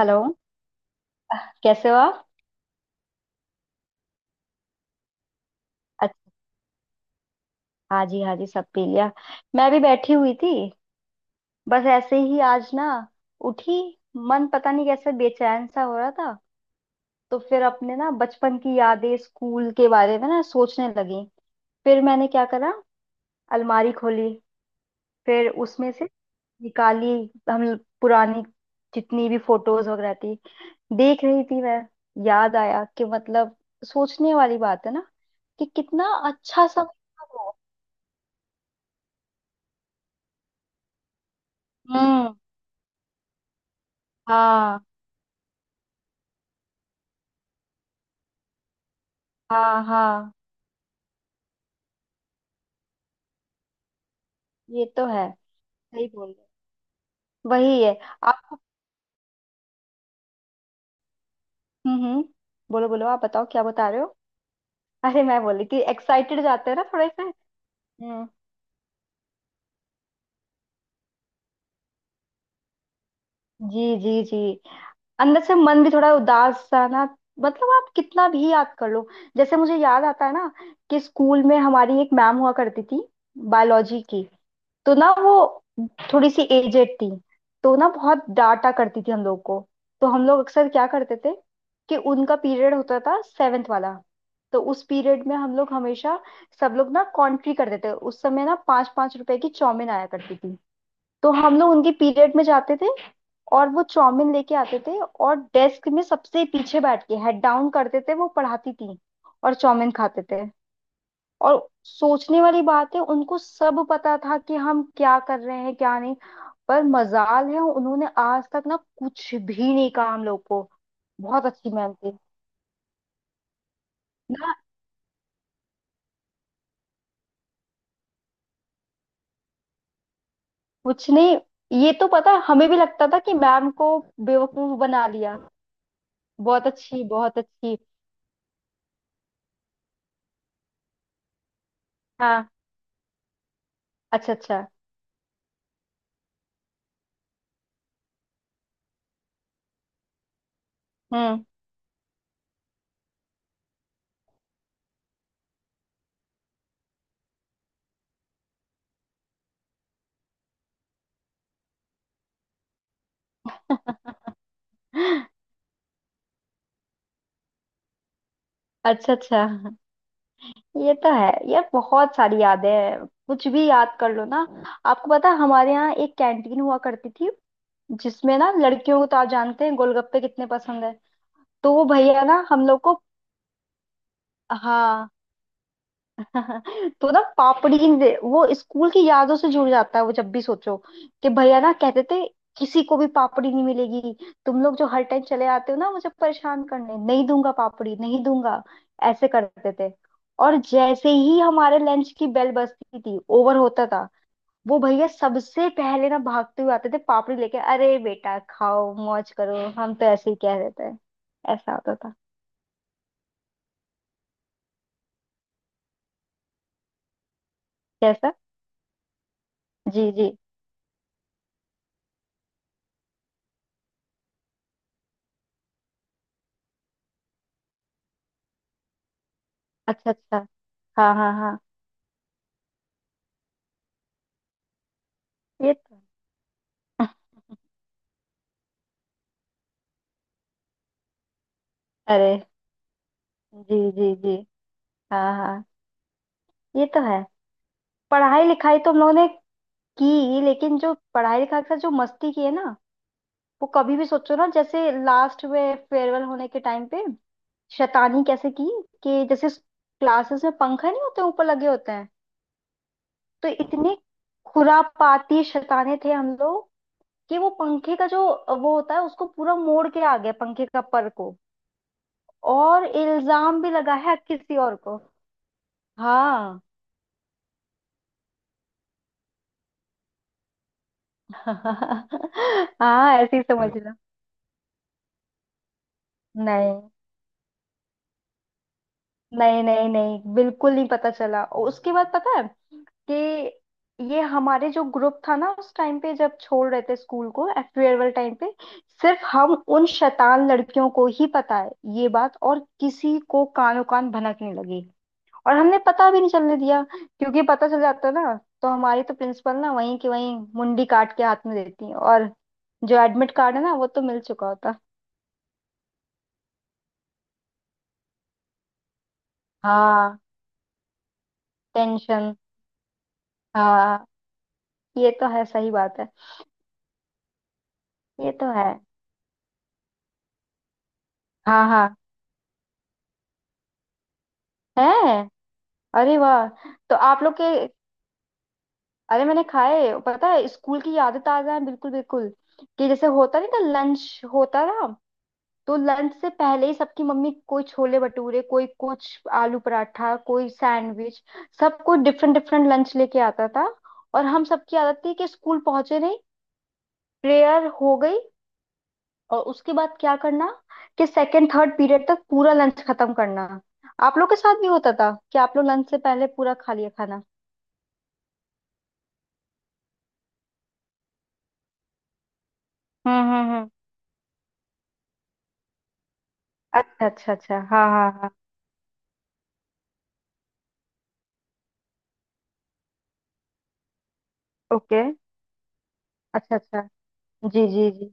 Hello. कैसे हो आप? अच्छा। हाँ जी हाँ जी, सब पी लिया। मैं भी बैठी हुई थी। बस ऐसे ही आज ना, उठी। मन पता नहीं कैसे बेचैन सा हो रहा था। तो फिर अपने ना बचपन की यादें, स्कूल के बारे में ना सोचने लगी। फिर मैंने क्या करा, अलमारी खोली। फिर उसमें से निकाली, हम पुरानी जितनी भी फोटोज वगैरह थी, देख रही थी मैं। याद आया कि मतलब, सोचने वाली बात है ना, कि कितना अच्छा सा। हम्म। हाँ हाँ हाँ। ये तो है, सही बोल रहे हो। वही है। आपको। हम्म। बोलो बोलो, आप बताओ क्या बता रहे हो। अरे मैं बोली थी, एक्साइटेड जाते हैं ना थोड़े से। हम्म। जी जी जी। अंदर से मन भी थोड़ा उदास सा ना। मतलब आप कितना भी याद कर लो। जैसे मुझे याद आता है ना, कि स्कूल में हमारी एक मैम हुआ करती थी, बायोलॉजी की। तो ना वो थोड़ी सी एजेड थी। तो ना बहुत डांटा करती थी हम लोग को। तो हम लोग अक्सर क्या करते थे, कि उनका पीरियड होता था सेवेंथ वाला। तो उस पीरियड में हम लोग हमेशा, सब लोग ना कॉन्ट्री करते थे। उस समय ना 5-5 रुपए की चाउमीन आया करती थी। तो हम लोग उनके पीरियड में जाते थे, और वो चाउमीन लेके आते थे, और डेस्क में सबसे पीछे बैठ के हेड डाउन करते थे, वो पढ़ाती थी और चाउमीन खाते थे। और सोचने वाली बात है, उनको सब पता था कि हम क्या कर रहे हैं क्या नहीं। पर मजाल है, उन्होंने आज तक ना कुछ भी नहीं कहा हम लोग को। बहुत अच्छी मैम थी ना। कुछ नहीं। ये तो पता है, हमें भी लगता था कि मैम को बेवकूफ बना लिया। बहुत अच्छी बहुत अच्छी। हाँ। अच्छा अच्छा। हम्म। अच्छा अच्छा। ये तो है यार, बहुत सारी यादें हैं, कुछ भी याद कर लो ना। आपको पता है, हमारे यहाँ एक कैंटीन हुआ करती थी, जिसमें ना लड़कियों को तो आप जानते हैं गोलगप्पे कितने पसंद है। तो वो भैया ना हम लोग को। हाँ। तो ना वो स्कूल की यादों से जुड़ जाता है, वो जब भी सोचो, कि भैया ना कहते थे, किसी को भी पापड़ी नहीं मिलेगी, तुम लोग जो हर टाइम चले आते हो ना मुझे परेशान करने, नहीं दूंगा पापड़ी नहीं दूंगा। ऐसे करते थे। और जैसे ही हमारे लंच की बेल बजती थी, ओवर होता था, वो भैया सबसे पहले ना भागते हुए आते थे पापड़ी लेके, अरे बेटा खाओ मौज करो, हम तो ऐसे ही कह देते हैं। ऐसा होता था। कैसा। जी जी। अच्छा अच्छा। हाँ हाँ हाँ। ये तो है। अरे। जी जी जी। हाँ हाँ। ये तो है। पढ़ाई लिखाई तो हम लोगों ने की, लेकिन जो पढ़ाई लिखाई के साथ जो मस्ती की है ना, वो कभी भी सोचो ना। जैसे लास्ट में फेयरवेल होने के टाइम पे शैतानी कैसे की, कि जैसे क्लासेस में पंखा नहीं होते, ऊपर लगे होते हैं। तो इतने खुरापाती शैताने थे हम लोग, कि वो पंखे का जो वो होता है उसको पूरा मोड़ के आ गया पंखे का पर को। और इल्जाम भी लगा है किसी और को। हाँ हाँ। ऐसे ही समझ है लो। नहीं नहीं नहीं नहीं, बिल्कुल नहीं पता चला। और उसके बाद पता है, कि ये हमारे जो ग्रुप था ना उस टाइम पे जब छोड़ रहे थे स्कूल को, फेयरवेल टाइम पे, सिर्फ हम उन शैतान लड़कियों को ही पता है ये बात। और किसी को कानो कान भनकने लगी, और हमने पता भी नहीं चलने दिया, क्योंकि पता चल जाता ना, तो हमारी तो प्रिंसिपल ना वहीं की वहीं मुंडी काट के हाथ में देती। और जो एडमिट कार्ड है ना, वो तो मिल चुका होता। हाँ। टेंशन। हाँ। ये तो है, सही बात है। ये तो है। हाँ हाँ। है। अरे वाह। तो आप लोग के। अरे मैंने खाए, पता है, स्कूल की यादें ताजा हैं बिल्कुल बिल्कुल। कि जैसे होता नहीं था, लंच होता था। तो लंच से पहले ही सबकी मम्मी कोई छोले भटूरे कोई कुछ, आलू पराठा कोई सैंडविच, सब कोई डिफरेंट डिफरेंट लंच लेके आता था। और हम सबकी आदत थी, कि स्कूल पहुंचे नहीं, प्रेयर हो गई, और उसके बाद क्या करना, कि सेकंड थर्ड पीरियड तक पूरा लंच खत्म करना। आप लोग के साथ भी होता था कि आप लोग लंच से पहले पूरा खा लिया खाना? हम्म। अच्छा अच्छा अच्छा। हाँ हाँ हाँ। ओके। अच्छा अच्छा। जी जी जी।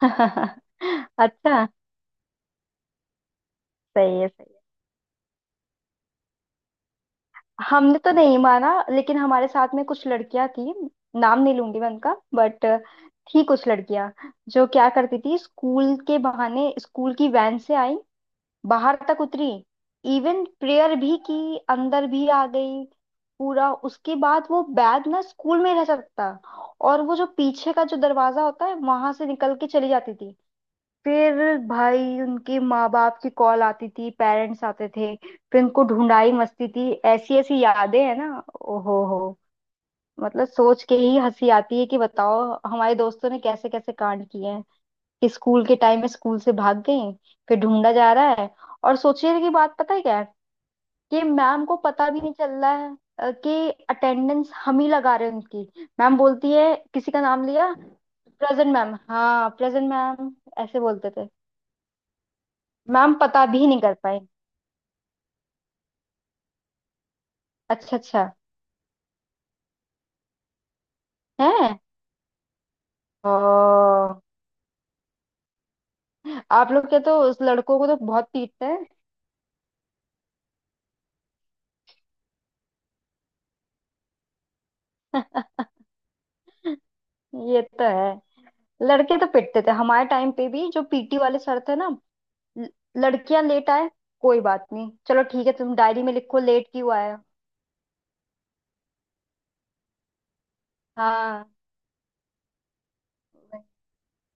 अच्छा। सही है सही है। हमने तो नहीं माना, लेकिन हमारे साथ में कुछ लड़कियां थी। नाम नहीं लूंगी मैं उनका, बट थी कुछ लड़कियां, जो क्या करती थी, स्कूल के बहाने स्कूल की वैन से आई, बाहर तक उतरी, इवन प्रेयर भी की, अंदर भी आ गई, पूरा उसके बाद वो बैग ना स्कूल में रह सकता, और वो जो पीछे का जो दरवाजा होता है वहां से निकल के चली जाती थी। फिर भाई उनके माँ बाप की कॉल आती थी, पेरेंट्स आते थे, फिर उनको ढूंढाई, मस्ती थी, ऐसी ऐसी यादें हैं ना। ओहो हो। मतलब सोच के ही हंसी आती है कि बताओ, हमारे दोस्तों ने कैसे कैसे कांड किए, कि स्कूल के टाइम में स्कूल से भाग गई, फिर ढूंढा जा रहा है। और सोचने की बात पता है क्या है, कि मैम को पता भी नहीं चल रहा है। कि अटेंडेंस हम ही लगा रहे हैं उनकी। मैम बोलती है किसी का नाम लिया, प्रेजेंट मैम, हाँ प्रेजेंट मैम। ऐसे बोलते थे। मैम पता भी नहीं कर पाए। अच्छा अच्छा। है। ओ, आप लोग क्या, तो उस लड़कों को तो बहुत पीटते हैं। ये तो है। लड़के तो पिटते थे हमारे टाइम पे भी। जो पीटी वाले सर थे ना, ल- लड़कियां लेट आए कोई बात नहीं, चलो ठीक है, तुम डायरी में लिखो लेट क्यों आया। हाँ।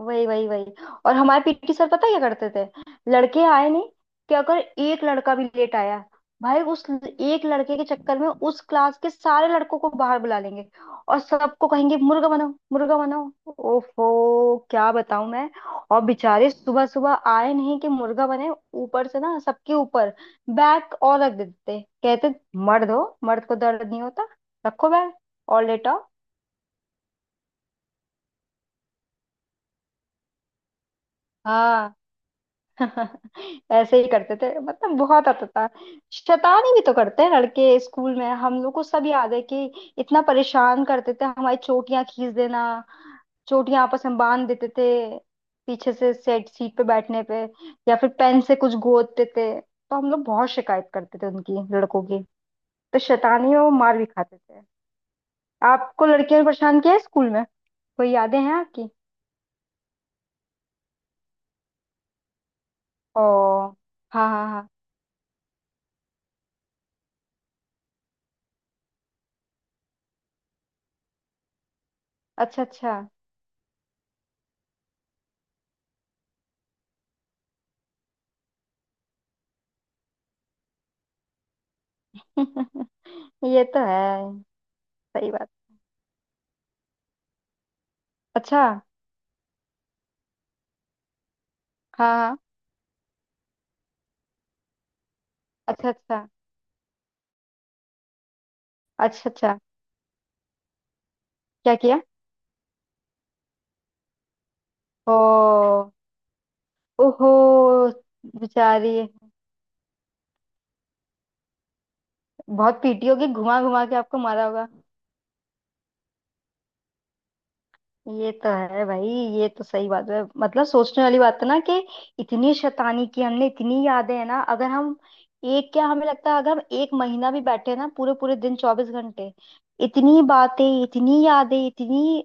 वही वही वही। और हमारे पीटी सर पता है क्या करते थे, लड़के आए नहीं, कि अगर एक लड़का भी लेट आया, भाई उस एक लड़के के चक्कर में उस क्लास के सारे लड़कों को बाहर बुला लेंगे, और सबको कहेंगे मुर्गा बनाओ मुर्गा बनाओ। ओफो क्या बताऊं मैं। और बेचारे सुबह सुबह आए नहीं कि मुर्गा बने, ऊपर से ना सबके ऊपर बैग और रख देते, कहते मर्द हो, मर्द को दर्द नहीं होता, रखो बैग और लेटाओ। हाँ। ऐसे ही करते थे, मतलब बहुत आता था। शैतानी भी तो करते हैं लड़के स्कूल में, हम लोग को सब याद है, कि इतना परेशान करते थे, हमारी चोटियां खींच देना, चोटियां आपस में बांध देते थे पीछे से सेट सीट पे बैठने पे, या फिर पेन से कुछ गोदते थे। तो हम लोग बहुत शिकायत करते थे उनकी, लड़कों की। तो शैतानी और मार भी खाते थे। आपको लड़कियों ने परेशान किया है स्कूल में? कोई यादें हैं आपकी? ओ। हाँ हाँ हाँ। अच्छा अच्छा। ये तो है, सही बात। अच्छा। हाँ हाँ। अच्छा अच्छा। अच्छा अच्छा। क्या किया? ओ। ओहो। बेचारी। बहुत पीटी होगी, घुमा घुमा के आपको मारा होगा। ये तो है भाई, ये तो सही बात है। मतलब सोचने वाली बात है ना, कि इतनी शैतानी की हमने, इतनी यादें हैं ना, अगर हम एक क्या, हमें लगता है अगर हम एक महीना भी बैठे ना पूरे पूरे दिन 24 घंटे, इतनी बातें इतनी यादें इतनी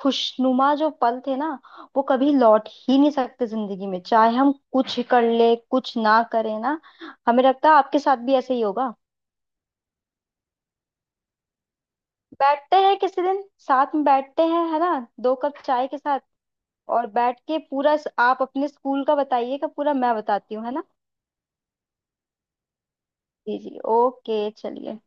खुशनुमा जो पल थे ना, वो कभी लौट ही नहीं सकते जिंदगी में, चाहे हम कुछ कर ले कुछ ना करें ना। हमें लगता है आपके साथ भी ऐसे ही होगा। बैठते हैं किसी दिन, साथ में बैठते हैं है ना, दो कप चाय के साथ, और बैठ के पूरा आप अपने स्कूल का बताइएगा पूरा, मैं बताती हूँ, है ना। जी जी ओके चलिए।